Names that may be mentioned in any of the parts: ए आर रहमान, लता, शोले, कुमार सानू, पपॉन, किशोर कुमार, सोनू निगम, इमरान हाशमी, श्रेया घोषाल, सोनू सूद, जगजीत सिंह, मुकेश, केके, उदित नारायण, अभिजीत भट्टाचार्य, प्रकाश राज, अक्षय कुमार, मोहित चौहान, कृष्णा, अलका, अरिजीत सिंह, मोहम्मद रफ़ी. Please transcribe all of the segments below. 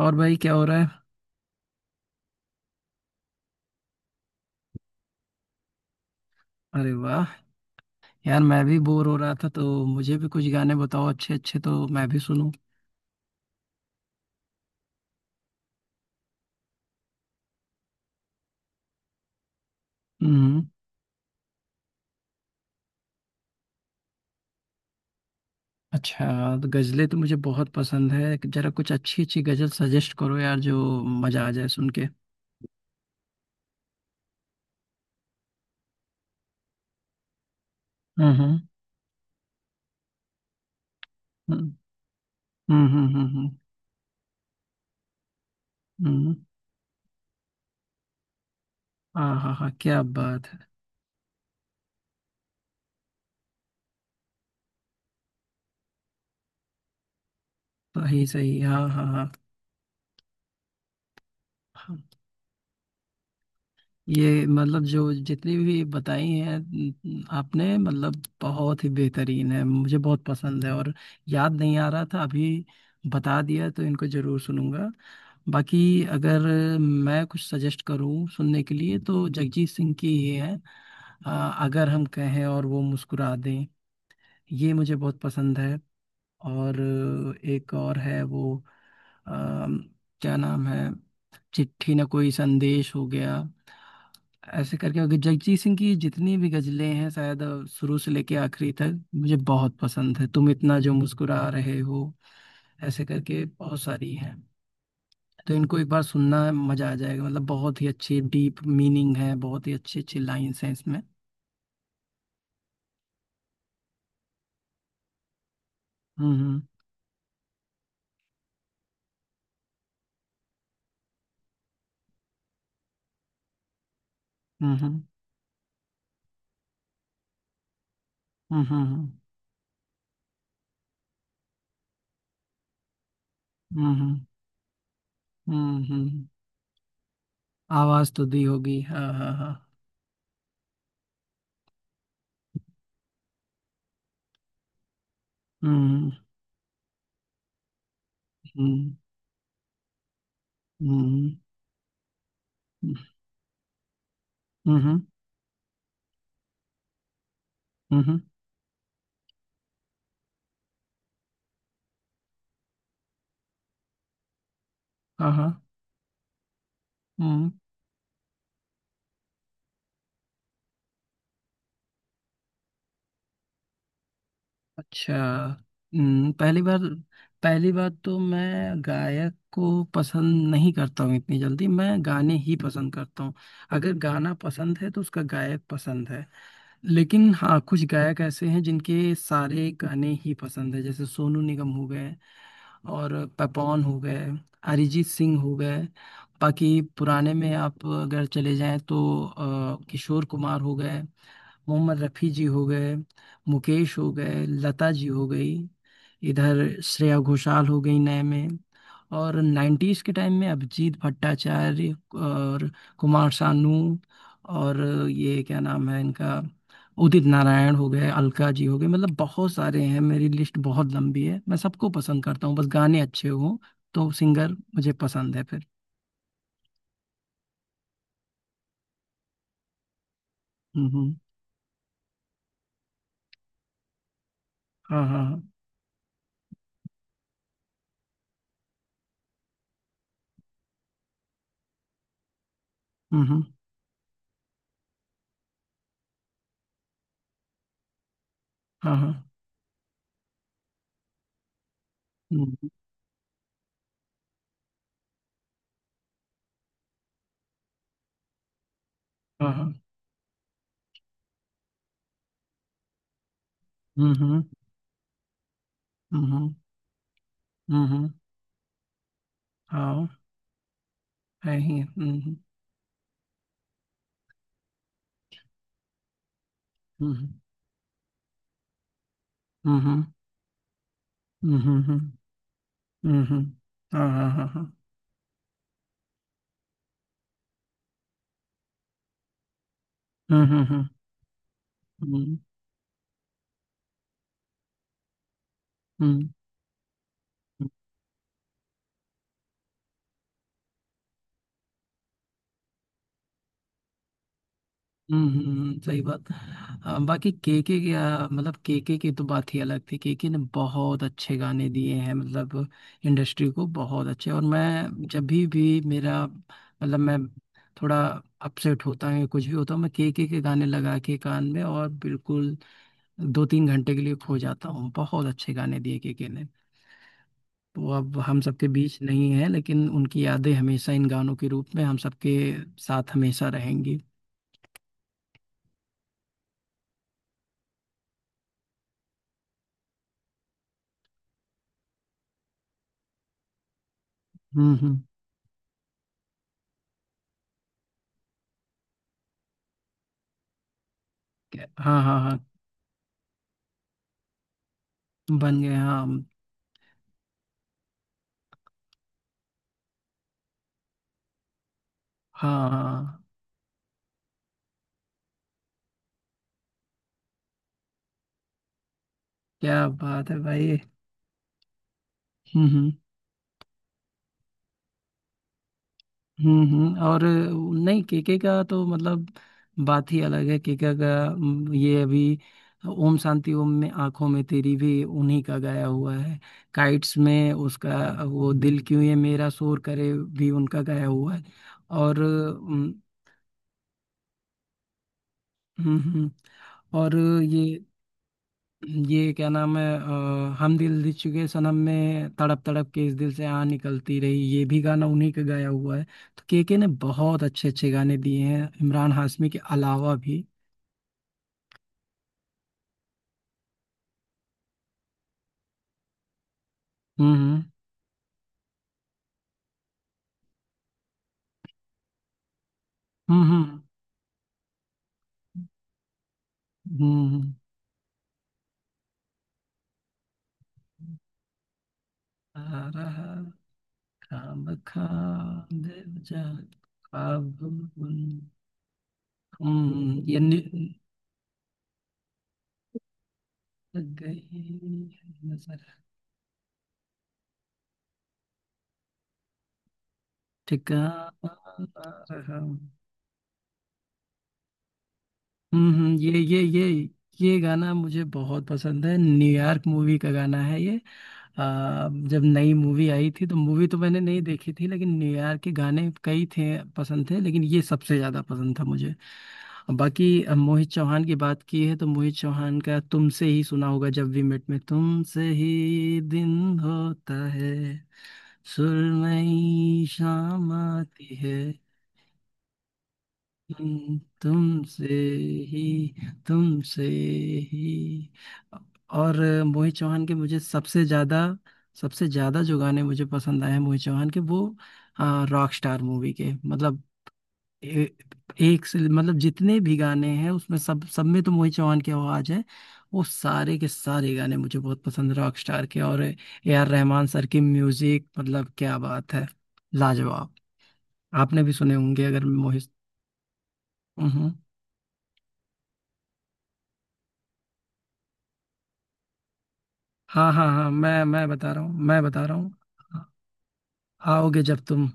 और भाई, क्या हो रहा है? अरे वाह! यार, मैं भी बोर हो रहा था तो मुझे भी कुछ गाने बताओ अच्छे अच्छे तो मैं भी सुनूं। हम्म। अच्छा। तो गजलें तो मुझे बहुत पसंद है, जरा कुछ अच्छी अच्छी गजल सजेस्ट करो यार जो मजा आ जाए सुन के। हम्म, हम्म, हम्म, हम्म। हम्म, हम्म। हम्म। हाँ हाँ हाँ, क्या बात है। सही सही, हाँ हाँ। हाँ। ये, मतलब जो जितनी भी बताई हैं आपने, मतलब बहुत ही बेहतरीन है, मुझे बहुत पसंद है। और याद नहीं आ रहा था अभी, बता दिया तो इनको जरूर सुनूंगा। बाकी अगर मैं कुछ सजेस्ट करूं सुनने के लिए तो जगजीत सिंह की ही है। अ, अगर हम कहें और वो मुस्कुरा दें, ये मुझे बहुत पसंद है। और एक और है वो, अम, क्या नाम है, चिट्ठी ना कोई संदेश हो गया। ऐसे करके अगर जगजीत सिंह की जितनी भी गजलें हैं शायद शुरू से लेके आखिरी तक मुझे बहुत पसंद है। तुम इतना जो मुस्कुरा रहे हो, ऐसे करके बहुत सारी हैं। तो इनको एक बार सुनना, मजा आ जाएगा, मतलब बहुत ही अच्छी डीप मीनिंग है, बहुत ही अच्छी अच्छी लाइन्स हैं इसमें। हम्म, हम्म, हम्म, हम्म, हम्म, हम्म, हम्म, हम्म, हम्म। आवाज तो दी होगी, हाँ हाँ हाँ। हम्म, हम्म, हम्म, हम्म, हम्म, हम्म। हम्म। हाँ हाँ। हम्म। अच्छा। हम्म, पहली बार। पहली बात तो, मैं गायक को पसंद नहीं करता हूँ इतनी जल्दी, मैं गाने ही पसंद करता हूँ। अगर गाना पसंद है तो उसका गायक पसंद है। लेकिन हाँ, कुछ गायक ऐसे हैं जिनके सारे गाने ही पसंद है, जैसे सोनू निगम हो गए, और पपॉन हो गए, अरिजीत सिंह हो गए। बाकी पुराने में आप अगर चले जाएं तो किशोर कुमार हो गए, मोहम्मद रफ़ी जी हो गए, मुकेश हो गए, लता जी हो गई। इधर श्रेया घोषाल हो गई नए में, और 90s के टाइम में अभिजीत भट्टाचार्य, और कुमार सानू, और ये क्या नाम है इनका, उदित नारायण हो गए, अलका जी हो गए। मतलब बहुत सारे हैं, मेरी लिस्ट बहुत लंबी है, मैं सबको पसंद करता हूँ बस गाने अच्छे हों, तो सिंगर मुझे पसंद है फिर। हम्म। हाँ हाँ हाँ। हम्म, हाँ हाँ। हम्म, हाँ हाँ। हम्म, हम्म, हम्म, हम्म, हम्म। हाँ। है ही। हम्म, हम्म, हम्म, हम्म, हम्म, हम्म। हुँ, हुँ। हाँ, हाँ, हाँ, हाँ। हुँ, हुँ, हुँ। हुँ, हुँ, हुँ, हुँ, सही बात। बाकी केके की, मतलब केके की तो बात ही अलग थी। केके ने बहुत अच्छे गाने दिए हैं, मतलब इंडस्ट्री को बहुत अच्छे। और मैं जब भी मेरा, मतलब मैं थोड़ा अपसेट होता हूँ या कुछ भी होता हूँ, मैं केके के गाने लगा के कान में और बिल्कुल 2-3 घंटे के लिए खो जाता हूँ। बहुत अच्छे गाने दिए केके ने। वो अब हम सबके बीच नहीं है, लेकिन उनकी यादें हमेशा इन गानों के रूप में हम सबके साथ हमेशा रहेंगी। हम्म, हम्म। हाँ हाँ हाँ। बन गए, हाँ हाँ हाँ हाँ, क्या बात है भाई। हम्म, हम्म, हम्म, हम्म। और नहीं, केके का तो मतलब बात ही अलग है केके का। ये अभी ओम शांति ओम में आंखों में तेरी भी उन्हीं का गाया हुआ है। काइट्स में उसका वो दिल क्यों ये मेरा शोर करे भी उनका गाया हुआ है। और हम्म, और ये ये क्या नाम है, हम दिल दे चुके सनम में तड़प तड़प के इस दिल से आ निकलती रही, ये भी गाना उन्हीं का गाया हुआ है। तो केके ने बहुत अच्छे अच्छे गाने दिए हैं इमरान हाशमी के अलावा भी। हम्म, हम्म, हम्म, हम्म, आ रहा, खाम खाम दिल जा, ख्वाब बुन। हम्म, ये लग गई नजर, ठिकाना रहा। हम्म, ये गाना मुझे बहुत पसंद है, न्यूयॉर्क मूवी का गाना है ये। जब नई मूवी आई थी तो मूवी तो मैंने नहीं देखी थी, लेकिन न्यूयॉर्क के गाने कई थे, पसंद थे, लेकिन ये सबसे ज़्यादा पसंद था मुझे। बाकी मोहित चौहान की बात की है तो मोहित चौहान का तुमसे ही सुना होगा, जब वी मेट में, तुमसे ही दिन होता है, सुरमई शाम आती है, तुम तुमसे ही तुमसे ही। और मोहित चौहान के मुझे सबसे ज्यादा, सबसे ज्यादा जो गाने मुझे पसंद आए हैं मोहित चौहान के, वो रॉक स्टार मूवी के, मतलब ए, एक से मतलब जितने भी गाने हैं उसमें सब सब में तो मोहित चौहान की आवाज है। वो सारे के सारे गाने मुझे बहुत पसंद है रॉक स्टार के, और ए आर रहमान सर की म्यूजिक, मतलब क्या बात है, लाजवाब। आपने भी सुने होंगे अगर मोहित। हम्म। हाँ हाँ हाँ, मैं बता रहा हूँ, मैं बता रहा हूँ। आओगे जब तुम।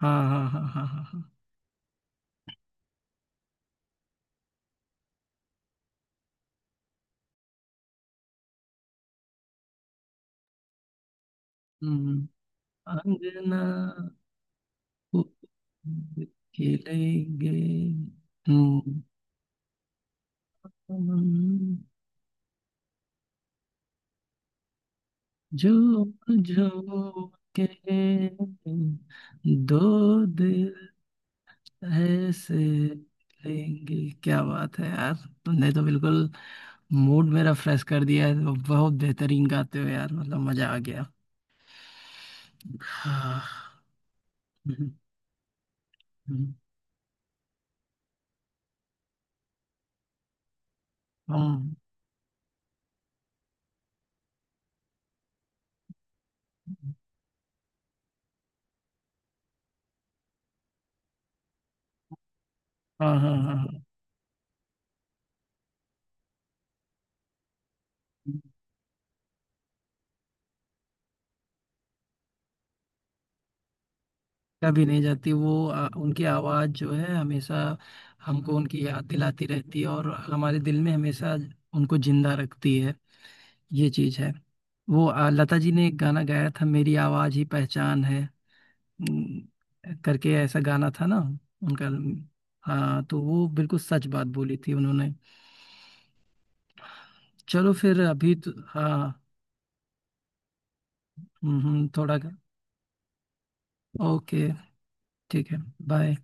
हाँ हाँ हाँ हाँ हाँ हाँ। हम्म। अंगना। फूल। खिलेंगे। हम्म। हम। झूम झूम के, दो दिल ऐसे लेंगे। क्या बात है यार, तुमने तो बिल्कुल मूड मेरा फ्रेश कर दिया है, बहुत बेहतरीन गाते हो यार, मतलब मजा आ गया। हाँ। हम्म, हम्म। हाँ, हाँ, हाँ, हाँ हाँ। कभी नहीं जाती वो। उनकी आवाज़ जो है हमेशा हमको उनकी याद दिलाती रहती है, और हमारे दिल में हमेशा उनको जिंदा रखती है, ये चीज़ है। वो लता जी ने एक गाना गाया था, मेरी आवाज़ ही पहचान है, करके ऐसा गाना था ना उनका। हाँ, तो वो बिल्कुल सच बात बोली थी उन्होंने। चलो, फिर अभी तो हाँ। थोड़ा। ओके। ठीक है। बाय।